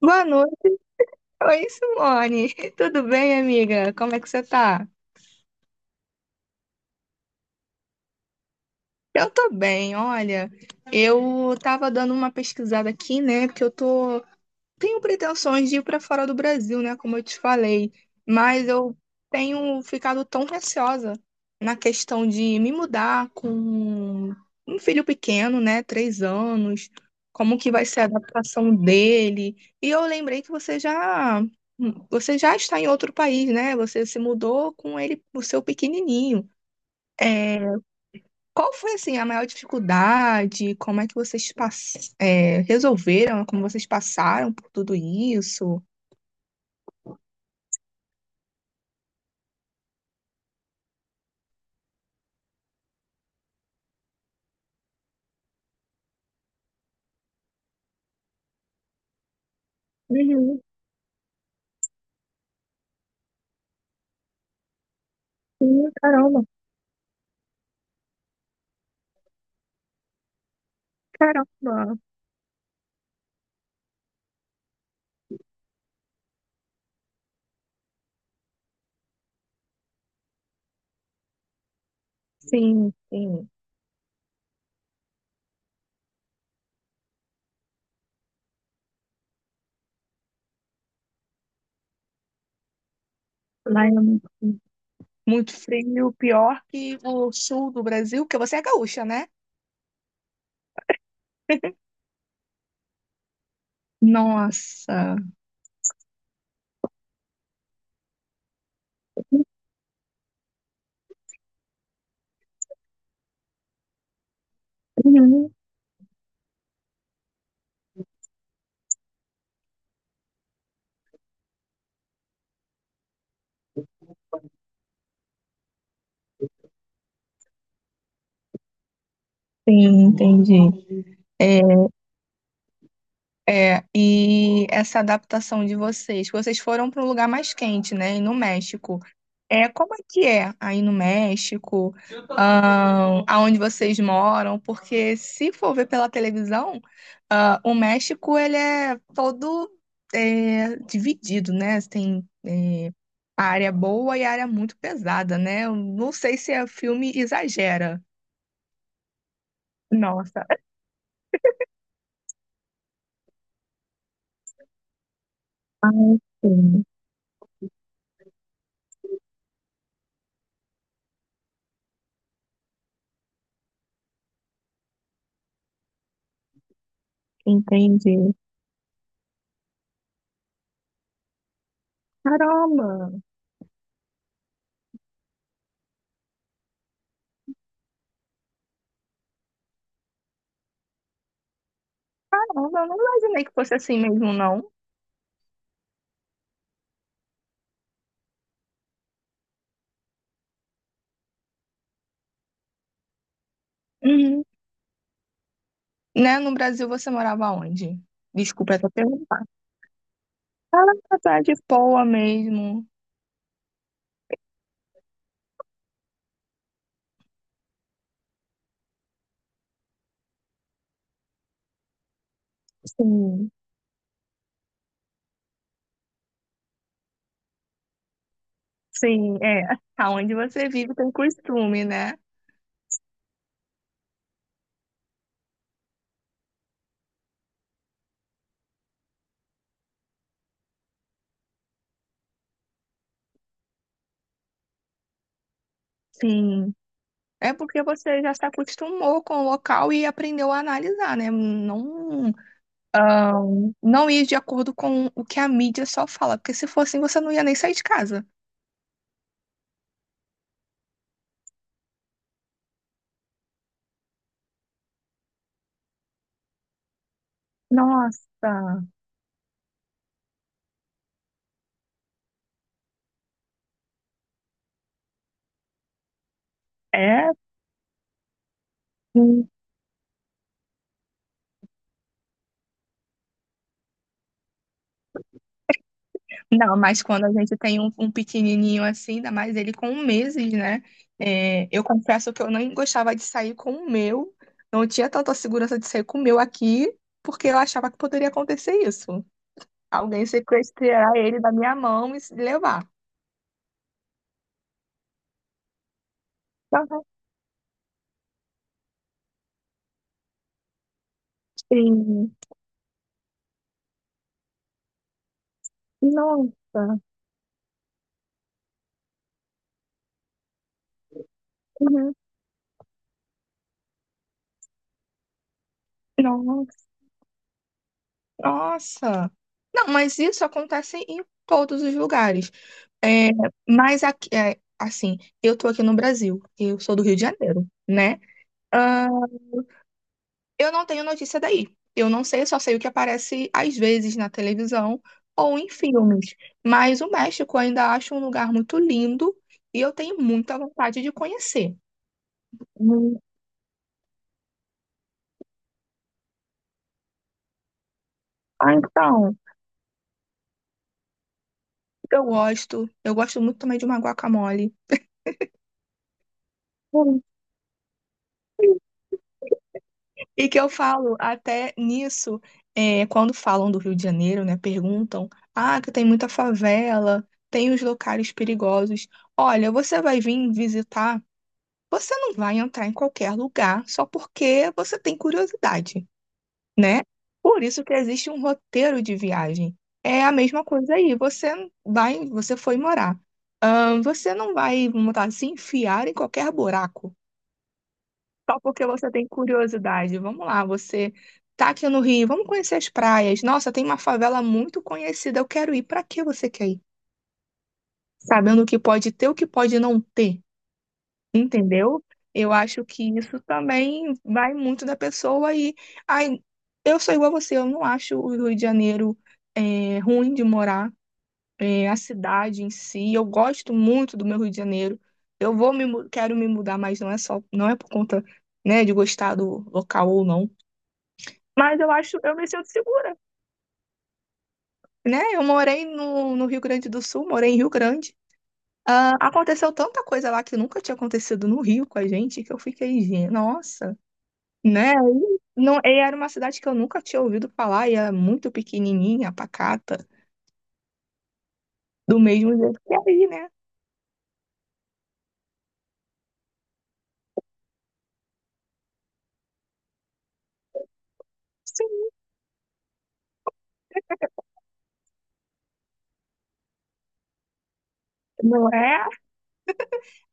Boa noite. Oi, Simone. Tudo bem, amiga? Como é que você tá? Eu tô bem, olha. Eu tava dando uma pesquisada aqui, né? Porque eu tô tenho pretensões de ir para fora do Brasil, né, como eu te falei, mas eu tenho ficado tão receosa na questão de me mudar com um filho pequeno, né, 3 anos, como que vai ser a adaptação dele. E eu lembrei que você já está em outro país, né? Você se mudou com ele, o seu pequenininho. É, qual foi assim a maior dificuldade? Como é que vocês resolveram? Como vocês passaram por tudo isso? Uhum. Sim, caramba, caramba. Sim, sim. Lá é muito frio, pior que o sul do Brasil, porque você é gaúcha, né? Nossa. Uhum. Sim, entendi. É, e essa adaptação de vocês, que vocês foram para um lugar mais quente, né, e no México. É, como é que é aí no México, aonde vocês moram? Porque se for ver pela televisão, ah, o México ele é todo é, dividido, né? Tem área boa e área muito pesada, né? Eu não sei se o filme exagera. Nossa. Ah, sim, entendi. Caramba! Não, eu não imaginei que fosse assim mesmo, não. Uhum. Né? No Brasil você morava onde? Desculpa até perguntar. Ela na de Poa mesmo. Sim, sim, é. Aonde você vive tem costume, né? Sim. É porque você já se acostumou com o local e aprendeu a analisar, né? Não, ah, não ir de acordo com o que a mídia só fala, porque se fosse assim, você não ia nem sair de casa. Nossa, é. Não, mas quando a gente tem um pequenininho assim, ainda mais ele com meses, né? É, eu confesso que eu não gostava de sair com o meu, não tinha tanta segurança de sair com o meu aqui, porque eu achava que poderia acontecer isso. Alguém sequestrar ele da minha mão e se levar. Ah, sim. Nossa. Uhum. Nossa, nossa. Não, mas isso acontece em todos os lugares. É, mas aqui, é, assim, eu tô aqui no Brasil, eu sou do Rio de Janeiro, né? Ah, eu não tenho notícia daí. Eu não sei, eu só sei o que aparece às vezes na televisão ou em filmes. Mas o México eu ainda acho um lugar muito lindo e eu tenho muita vontade de conhecer. Hum, Ah, então, eu gosto. Eu gosto muito também de uma guacamole. Hum. E que eu falo até nisso, é, quando falam do Rio de Janeiro, né? Perguntam, ah, que tem muita favela, tem os locais perigosos. Olha, você vai vir visitar. Você não vai entrar em qualquer lugar só porque você tem curiosidade, né? Por isso que existe um roteiro de viagem. É a mesma coisa aí. Você vai, você foi morar. Você não vai, vamos botar, se enfiar em qualquer buraco só porque você tem curiosidade. Vamos lá, você tá aqui no Rio, vamos conhecer as praias. Nossa, tem uma favela muito conhecida, eu quero ir. Para que você quer ir? Sabendo o que pode ter, o que pode não ter. Entendeu? Eu acho que isso também vai muito da pessoa e ai, eu sou igual a você, eu não acho o Rio de Janeiro é, ruim de morar, é, a cidade em si, eu gosto muito do meu Rio de Janeiro. Eu vou me mu- quero me mudar, mas não é só, não é por conta, né, de gostar do local ou não. Mas eu acho, eu me sinto segura, né? Eu morei no Rio Grande do Sul, morei em Rio Grande. Ah, aconteceu tanta coisa lá que nunca tinha acontecido no Rio com a gente que eu fiquei, nossa." Né? E não, e era uma cidade que eu nunca tinha ouvido falar, e era muito pequenininha, pacata, do mesmo jeito que é aí, né? Sim, não é?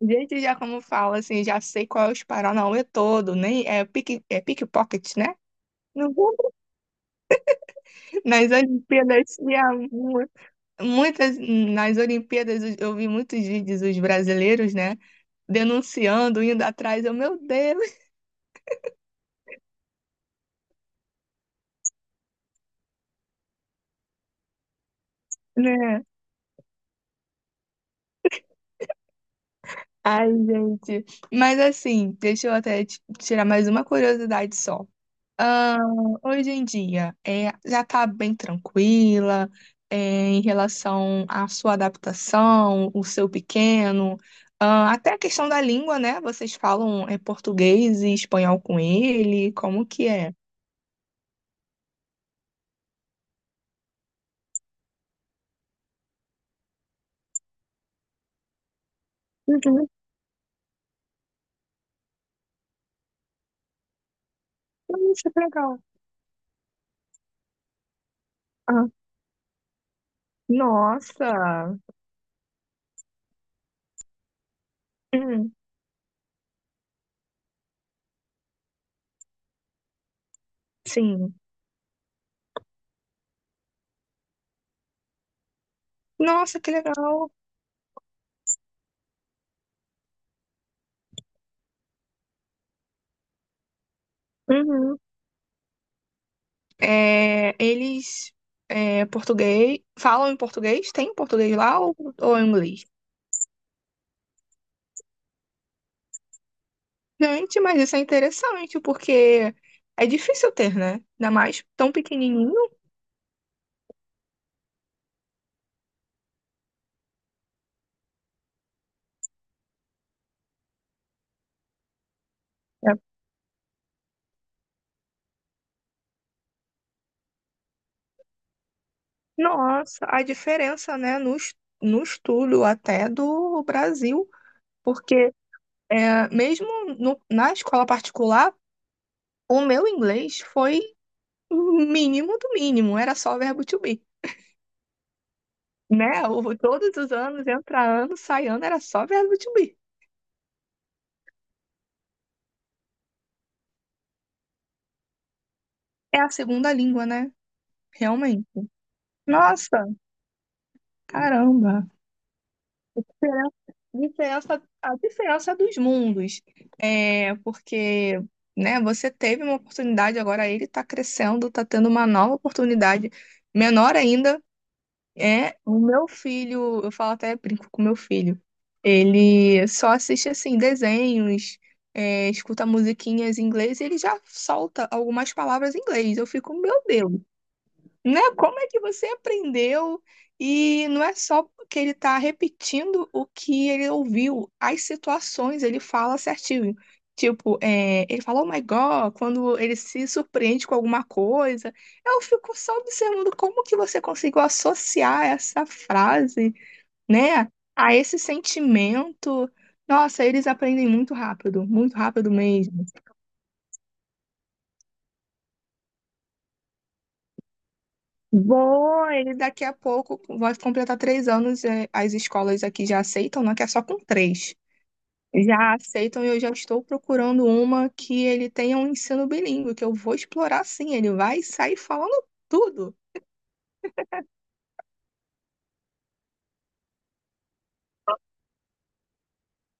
Gente já como fala, assim, já sei qual é os Paranauê todo, nem é pique, é pickpocket, né? Não vou- Nas Olimpíadas tinha mu- muitas, nas Olimpíadas eu vi muitos vídeos dos brasileiros, né, denunciando, indo atrás, eu, meu Deus, né? Ai, gente. Mas assim, deixa eu até tirar mais uma curiosidade só. Ah, hoje em dia é, já está bem tranquila é, em relação à sua adaptação, o seu pequeno, ah, até a questão da língua, né? Vocês falam é, português e espanhol com ele, como que é? Uhum. Nossa, que legal. Ah, nossa. Uhum, sim. Nossa, que legal. Uhum. É, eles é, português, falam em português? Tem português lá ou em inglês? Gente, mas isso é interessante, porque é difícil ter, né? Ainda mais tão pequenininho. É. Nossa, a diferença, né, no estudo até do Brasil, porque é, mesmo na escola particular, o meu inglês foi o mínimo do mínimo, era só verbo to be, né? Todos os anos, entra ano, sai ano, era só verbo to be. É a segunda língua, né? Realmente. Nossa, caramba. Diferença, a diferença dos mundos. É, porque, né, você teve uma oportunidade, agora ele está crescendo, está tendo uma nova oportunidade. Menor ainda é o meu filho, eu falo até brinco com meu filho. Ele só assiste assim desenhos, é, escuta musiquinhas em inglês e ele já solta algumas palavras em inglês. Eu fico, meu Deus, né? Como é que você aprendeu? E não é só que ele está repetindo o que ele ouviu, as situações ele fala certinho. Tipo, é, ele fala, oh my God, quando ele se surpreende com alguma coisa. Eu fico só observando como que você conseguiu associar essa frase, né, a esse sentimento. Nossa, eles aprendem muito rápido mesmo. Vou, ele daqui a pouco vai completar 3 anos. As escolas aqui já aceitam, não é que é só com três. Já aceitam e eu já estou procurando uma que ele tenha um ensino bilíngue, que eu vou explorar sim. Ele vai sair falando tudo.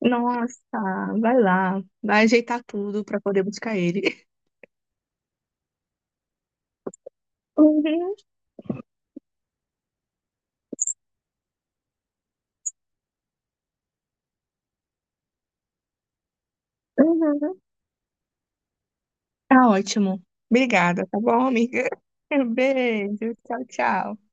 Nossa, vai lá, vai ajeitar tudo para poder buscar ele. Uhum, uhum. Tá ótimo. Obrigada, tá bom, amiga? Beijo, tchau, tchau.